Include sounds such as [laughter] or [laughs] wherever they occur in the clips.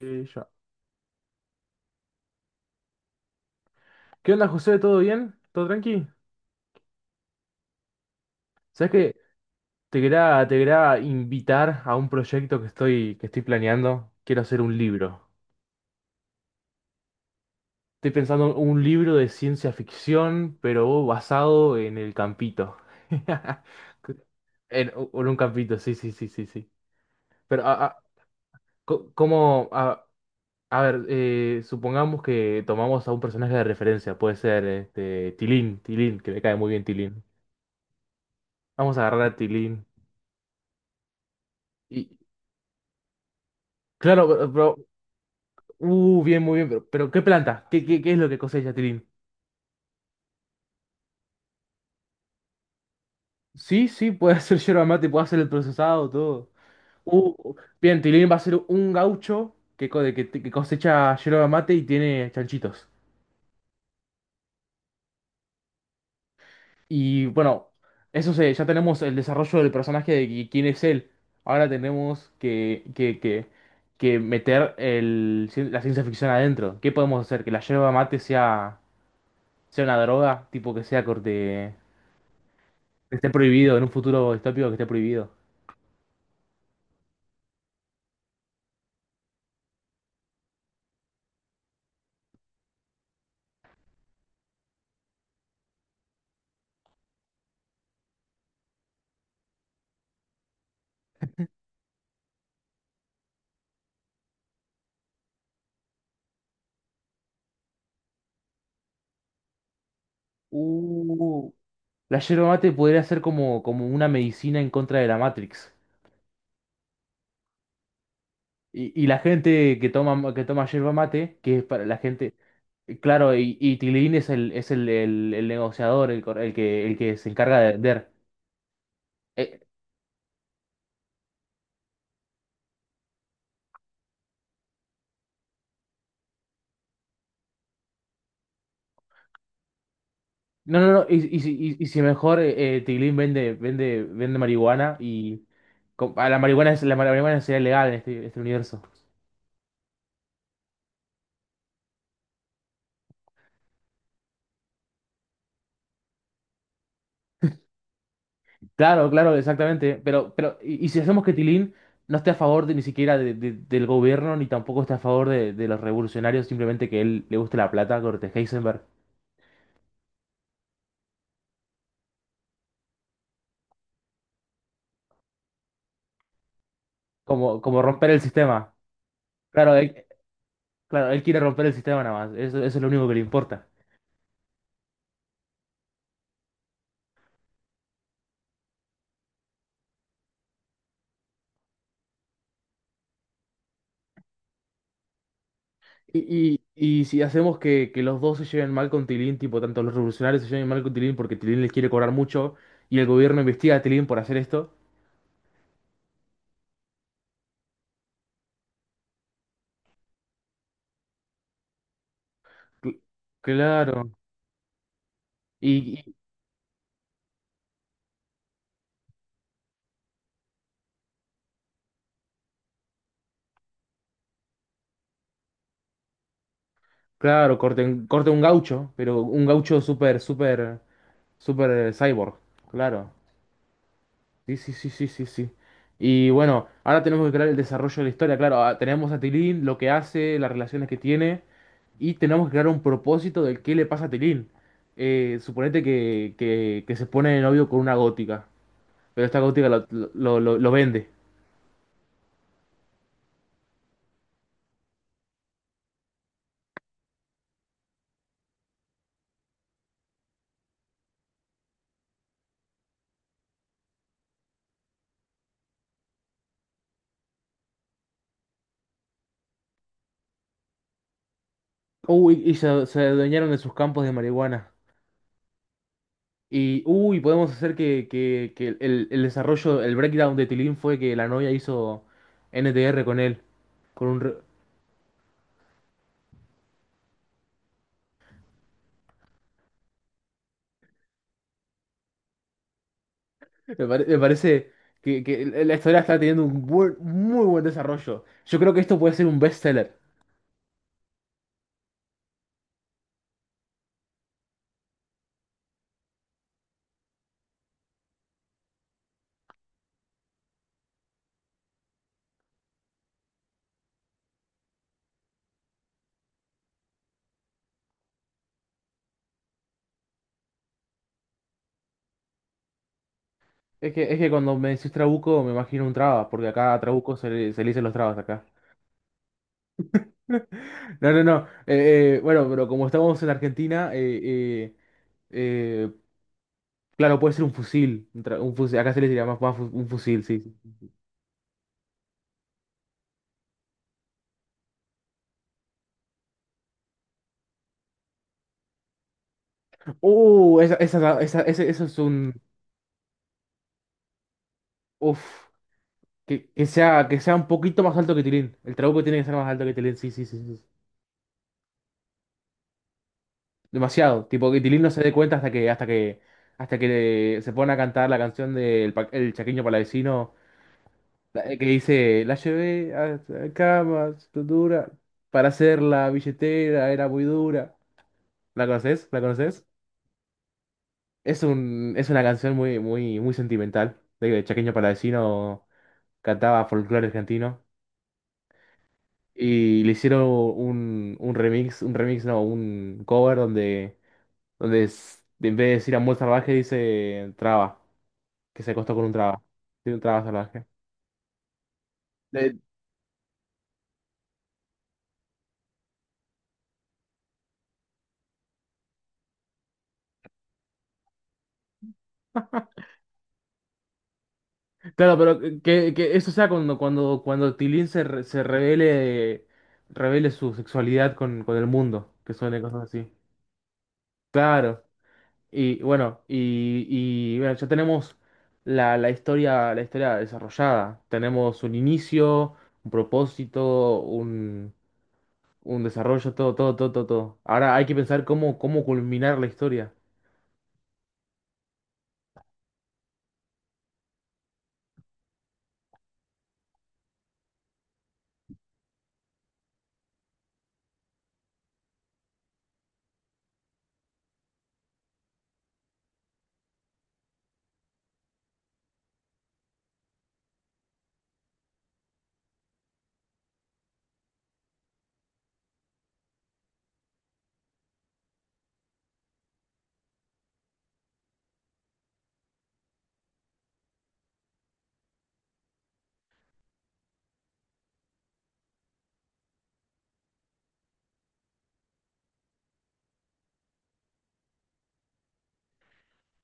Eh, ya. ¿Qué onda, José? ¿Todo bien? ¿Todo tranqui? ¿Sabes que te quería, te quería invitar a un proyecto que estoy planeando? Quiero hacer un libro. Estoy pensando un libro de ciencia ficción, pero basado en el campito. [laughs] En, en un campito, sí, sí, sí, sí, sí. Pero, a, a- ¿Cómo? A ver, supongamos que tomamos a un personaje de referencia. Puede ser este, Tilín, Tilín, que me cae muy bien Tilín. Vamos a agarrar a Tilín. Y, claro, pero, bien, muy bien, pero, ¿qué planta? ¿Qué es lo que cosecha, Tilín? Sí, sí, puede [laughs] hacer yerba mate, puede hacer el procesado, todo. Uh, bien, Tilín va a ser un gaucho que, co- de que cosecha yerba mate y tiene chanchitos. Y bueno, ya tenemos el desarrollo del personaje de quién es él. Ahora tenemos que meter la ciencia ficción adentro. ¿Qué podemos hacer? ¿Que la yerba mate, sea una droga? Tipo que sea corte. Que esté prohibido, en un futuro distópico, que esté prohibido. Uh, la yerba mate podría ser como, como una medicina en contra de la Matrix. Y la gente que toma yerba mate, que es para la gente. Claro, y Tilín es el, el negociador, el, el que se encarga de vender. Eh, no, y, y si mejor Tilín vende, vende, vende marihuana y. La marihuana, la marihuana sería legal en este, este universo. Claro, claro, exactamente. Pero, y si hacemos que Tilín no esté a favor de, ni siquiera del gobierno, ni tampoco esté a favor de los revolucionarios, simplemente que él le guste la plata, corte Heisenberg. Como, como romper el sistema. Claro, él, claro, él quiere romper el sistema nada más. Eso es lo único que le importa. Y si hacemos que los dos se lleven mal con Tilín, tipo, tanto los revolucionarios se lleven mal con Tilín porque Tilín les quiere cobrar mucho y el gobierno investiga a Tilín por hacer esto. cl- Claro. Y, Claro, corte, corte un gaucho, pero un gaucho súper, súper, súper, cyborg. Claro. Sí, sí, sí, sí, sí, sí. Y bueno, ahora tenemos que crear el desarrollo de la historia. Claro, ah, tenemos a Tilín, lo que hace, las relaciones que tiene. Y tenemos que crear un propósito del qué le pasa a Tilín. Suponete que se pone de novio con una gótica. Pero esta gótica lo, lo vende. Uy, y se adueñaron de sus campos de marihuana. Y, uy, podemos hacer que, que el desarrollo, el breakdown de Tilín fue que la novia hizo NTR con él. Con un, re- Me, me parece que la historia está teniendo un muy buen desarrollo. Yo creo que esto puede ser un bestseller. Es que cuando me decís trabuco me imagino un trabas, porque acá a trabuco se le dicen los trabas acá. No, no, no. Bueno, pero como estamos en Argentina, eh, claro, puede ser un fusil. Un, un fusil. Acá se le diría más, más un fusil, sí. Esa, esa, eso es un. Uf. Que sea un poquito más alto que Tilín. El trabuco tiene que ser más alto que Tilín, sí, sí, sí. Sí. Demasiado. Tipo que Tilín no se dé cuenta hasta que, hasta que, hasta que se pone a cantar la canción del el Chaqueño Palavecino, que dice, la llevé a cama, dura, para hacer la billetera, era muy dura. ¿La conoces? ¿La conoces? Es un, es una canción muy, muy, muy sentimental. De que el Chaqueño Palavecino cantaba folclore argentino. Y le hicieron un remix, no, un cover donde, donde en vez de decir amor salvaje dice traba, que se acostó con un traba. Sí, un traba salvaje. Eh, claro, pero que eso sea cuando, cuando, cuando Tilín se, se revele, revele su sexualidad con el mundo, que suene cosas así. Claro. Y bueno, ya tenemos la, la historia desarrollada. Tenemos un inicio, un propósito, un desarrollo, todo, todo, todo, todo, todo. Ahora hay que pensar cómo, cómo culminar la historia.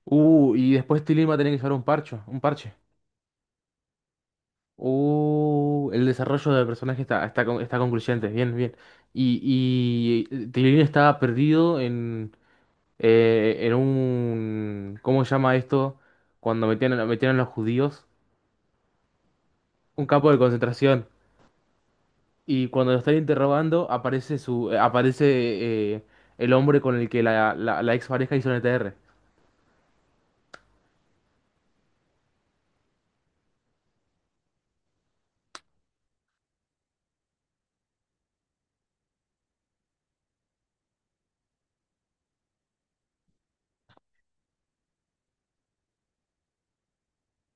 Y después Tilly va a tener que llevar un parche, un parche. El desarrollo del personaje está, está, está concluyente, bien, bien. Y Tilly estaba perdido en un, ¿cómo se llama esto? Cuando metían, metían a los judíos, un campo de concentración. Y cuando lo están interrogando, aparece su, aparece, el hombre con el que la ex pareja hizo un ETR.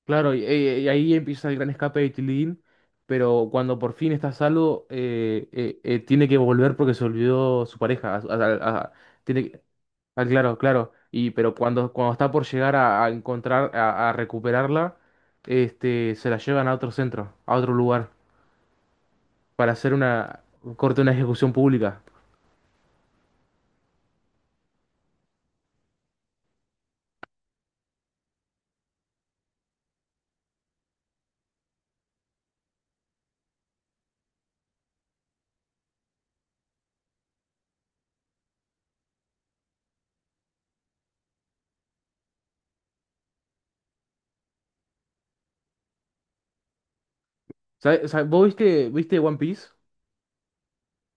Claro, y ahí empieza el gran escape de Tilín, pero cuando por fin está salvo, tiene que volver porque se olvidó su pareja. Tiene que- ah, claro, claro. Y pero cuando, cuando está por llegar a encontrar, a recuperarla, este, se la llevan a otro centro, a otro lugar, para hacer una corte, una ejecución pública. ¿Vos viste, viste One Piece?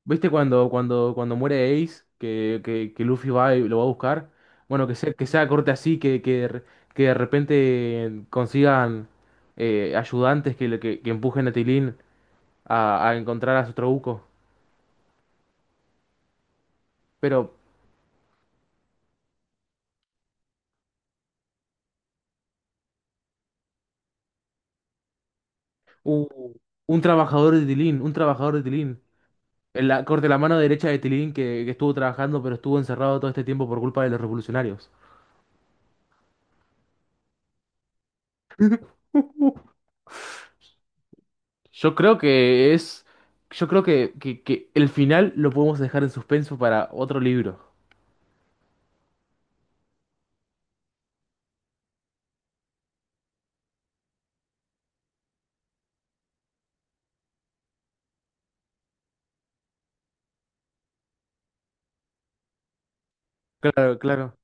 ¿Viste cuando, cuando, cuando muere Ace, que Luffy va y lo va a buscar? Bueno, que sea corte así, que, que de repente consigan, ayudantes que, que empujen a Tilín a encontrar a su trabuco. Pero u- un trabajador de Tilín, un trabajador de Tilín. En la, corte la mano derecha de Tilín que estuvo trabajando pero estuvo encerrado todo este tiempo por culpa de los revolucionarios. Yo creo que es... Yo creo que el final lo podemos dejar en suspenso para otro libro. Claro, claro.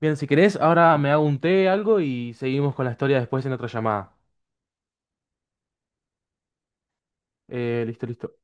Bien, si querés, ahora me hago un té, algo y seguimos con la historia después en otra llamada. Listo, listo.